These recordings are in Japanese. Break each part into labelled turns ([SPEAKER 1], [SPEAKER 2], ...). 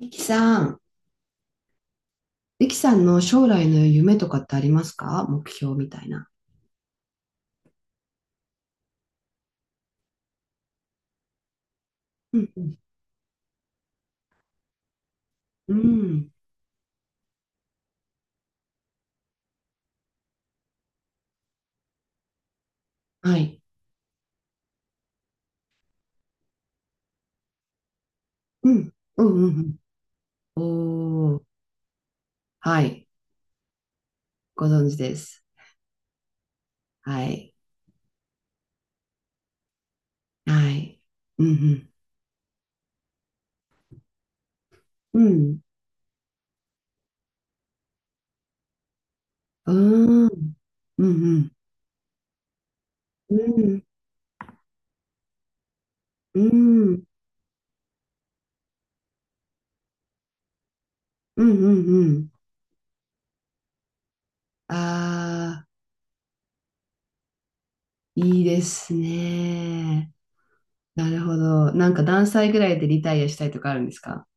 [SPEAKER 1] リキさん、リキさんの将来の夢とかってありますか？目標みたいな。うん、うん、うん、はい。うん、うん、うん。うん、おー、はい。ご存知です。はい。はい。うん、うん、うん、うーん、うん、うん、うん、うん、うん、うん、うん。あー、いいですね。なるほど。なんか何歳ぐらいでリタイアしたいとかあるんですか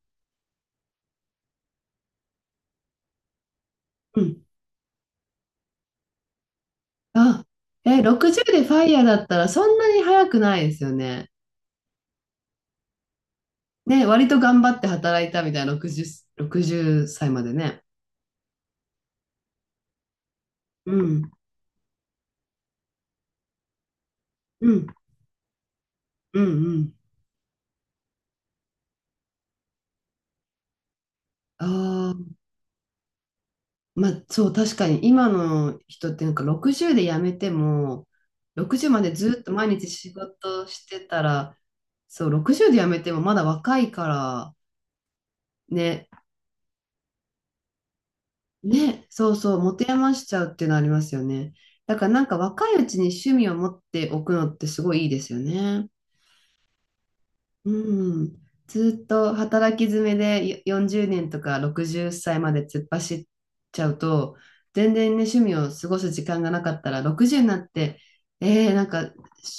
[SPEAKER 1] あ、え、60でファイヤーだったらそんなに早くないですよね。ね、割と頑張って働いたみたいな60歳までね。うん、うん、うん、うん。ああ、まあそう、確かに今の人ってなんか60で辞めても、60までずっと毎日仕事してたら、そう、60で辞めてもまだ若いから、ね、ね、そうそう、持て余しちゃうっていうのありますよね。だからなんか若いうちに趣味を持っておくのってすごいいいですよね。うん。ずっと働き詰めでよ40年とか60歳まで突っ走っちゃうと、全然ね、趣味を過ごす時間がなかったら、60になって、なんか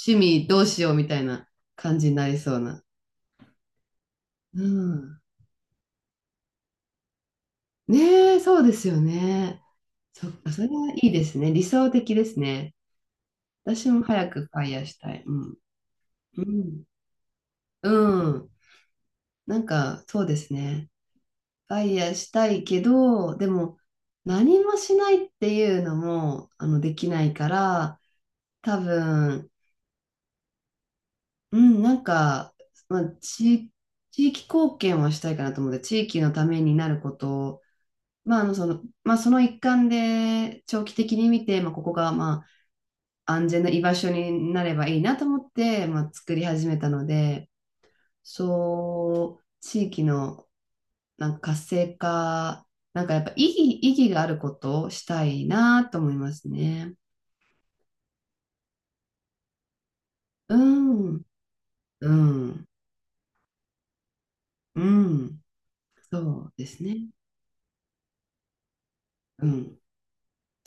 [SPEAKER 1] 趣味どうしようみたいな感じになりそうな。うん。ねえ、そうですよね。そっか、それはいいですね。理想的ですね。私も早くファイヤーしたい。うん。うん。うん。なんか、そうですね。ファイヤーしたいけど、でも、何もしないっていうのも、できないから、多分、うん、なんか、まあ、地域貢献はしたいかなと思って、地域のためになることを、まあ、まあ、その一環で、長期的に見て、まあ、ここが、まあ、安全な居場所になればいいなと思って、まあ、作り始めたので、そう、地域のなんか活性化、なんかやっぱ意義があることをしたいなと思いますね。うん、うん、うん、そうですね。うん。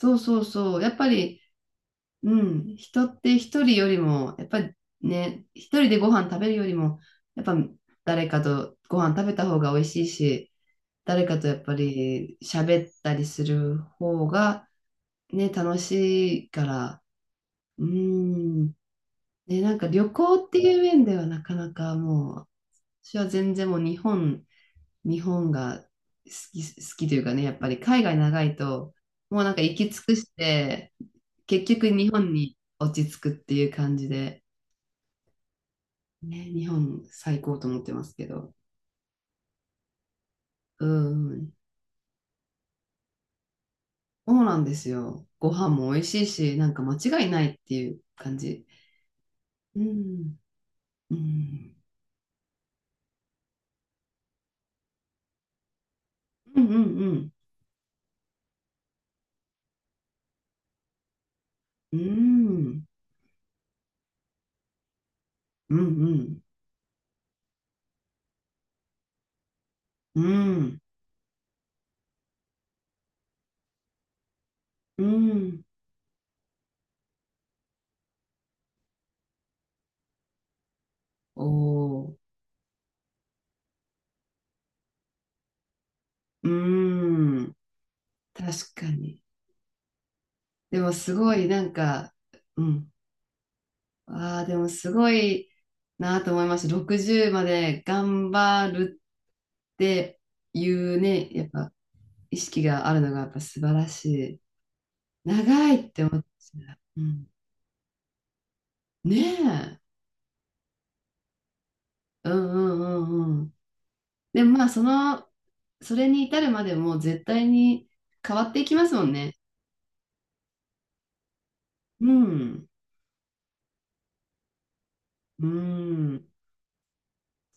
[SPEAKER 1] そうそうそう。やっぱり、うん、人って一人よりも、やっぱりね、一人でご飯食べるよりも、やっぱ誰かとご飯食べた方が美味しいし、誰かとやっぱり喋ったりする方がね、楽しいから、うーん。ね、なんか旅行っていう面ではなかなかもう、私は全然もう日本が好き、好きというかね、やっぱり海外長いと、もうなんか行き尽くして、結局日本に落ち着くっていう感じで、ね、日本最高と思ってますけど。うん。そうなんですよ。ご飯も美味しいし、なんか間違いないっていう感じ。うん。うん。うん、うん、うん。うん。うん、うん。うん。うん。おー、うーん、確かに。でもすごいなんか、うん。ああ、でもすごいなと思いました。60まで頑張るっていうね、やっぱ意識があるのがやっぱ素晴らしい。長いって思っちゃう。うん、ねえ。うん、うん、うん、うん。でもまあ、それに至るまでも絶対に変わっていきますもんね。うん。うん。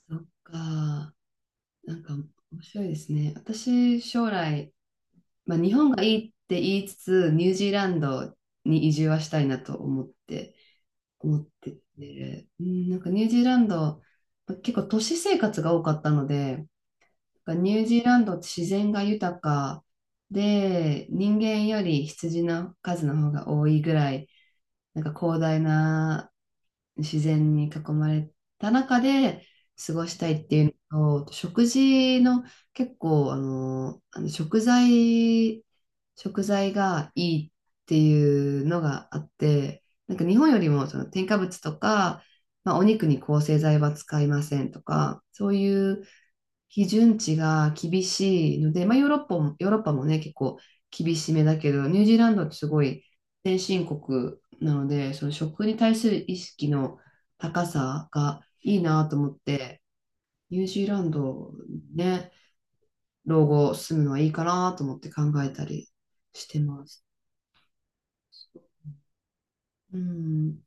[SPEAKER 1] そっか。なんか面白いですね。私、将来、まあ、日本がいいって言いつつ、ニュージーランドに移住はしたいなと思ってて、うん、なんかニュージーランド、まあ結構都市生活が多かったので、なんかニュージーランドって自然が豊かで、人間より羊の数の方が多いぐらい、なんか広大な自然に囲まれた中で過ごしたいっていうのと、食事の結構、食材がいいっていうのがあって、なんか日本よりもその添加物とか、まあ、お肉に抗生剤は使いませんとか、そういう基準値が厳しいので、まあ、ヨーロッパもね、結構厳しめだけど、ニュージーランドってすごい先進国なので、その食に対する意識の高さがいいなと思って、ニュージーランドね、老後住むのはいいかなと思って考えたりしてます。うん、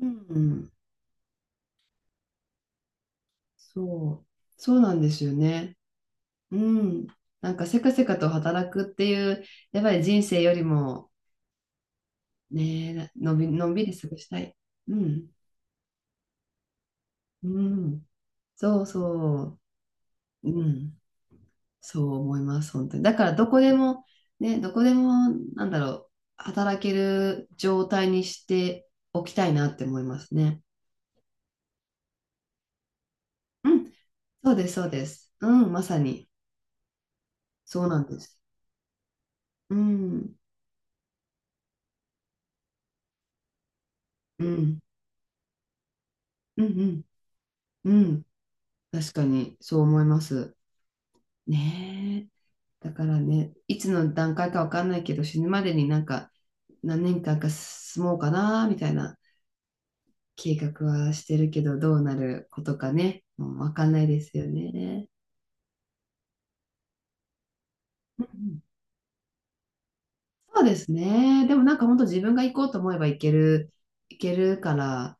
[SPEAKER 1] うん、そう、そうなんですよね。うん、なんかせかせかと働くっていう、やっぱり人生よりも、ねえ、のんびり過ごしたい。うん。うん。そうそう。うん。そう思います、本当に。だから、どこでも、ね、どこでも、なんだろう、働ける状態にしておきたいなって思いますね。うん。そうです、そうです。うん、まさに。そうなんです。うん。うん。うん、うん。うん。確かに、そう思います。ねえ。だからね、いつの段階かわかんないけど、死ぬまでになんか何年間か住もうかなみたいな計画はしてるけど、どうなることかね、もうわかんないですよね。うん、うん、そうですね。でもなんか本当自分が行こうと思えば行けるから、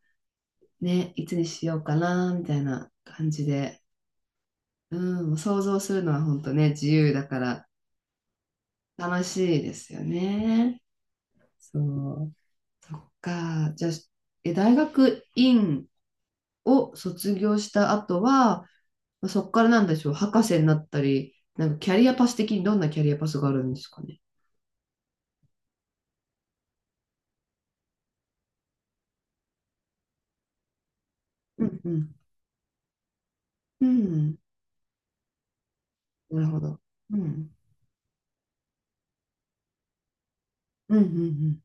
[SPEAKER 1] ね、いつにしようかなみたいな感じで、うん、想像するのは本当ね、自由だから楽しいですよね。そう。そっか。じゃあ、え、大学院を卒業した後は、まあそこからなんでしょう、博士になったり、なんかキャリアパス的にどんなキャリアパスがあるんですかね。うん、うん、うん、なるほど。うん、うん、うん、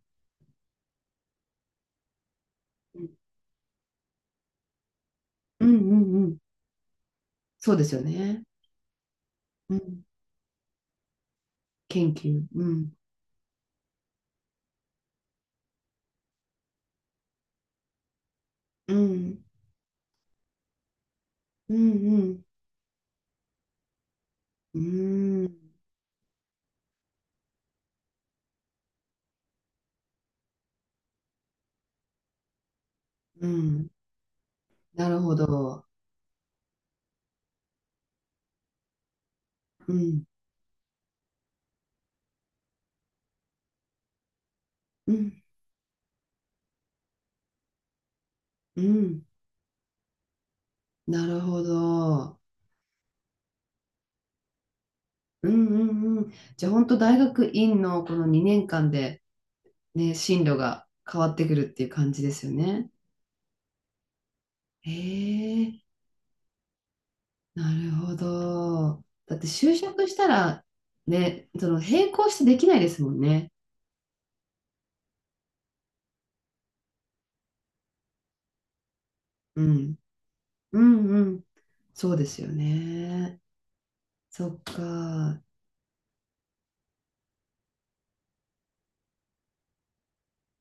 [SPEAKER 1] うん、うん、うん、うん、そうですよね。うん、研究。うん、うん、うん、うん、うん、うん、なるほど。うん、うん、うん、なるほど。うん、うん、うん。じゃあ本当大学院のこの2年間でね、進路が変わってくるっていう感じですよね。ええ、なるほど。だって就職したら、ね、その並行してできないですもんね。うん。うん、うん。そうですよね。そっか。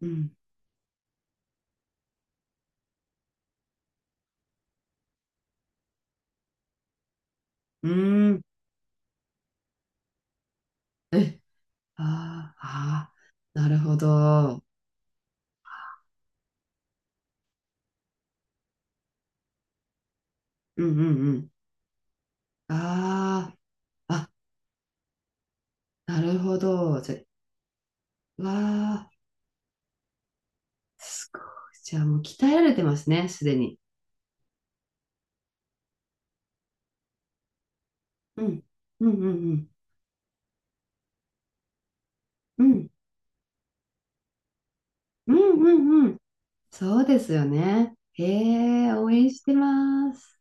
[SPEAKER 1] うん。うーん。え、ああ、ああ、なるほど。うん、うん、うん。ああ、あ、なるほど。じゃ、わあ、すごい。じゃあもう鍛えられてますね、すでに。うん。うん、うん、うん。うん、うん、うん、うん。そうですよね。へえ、応援してます。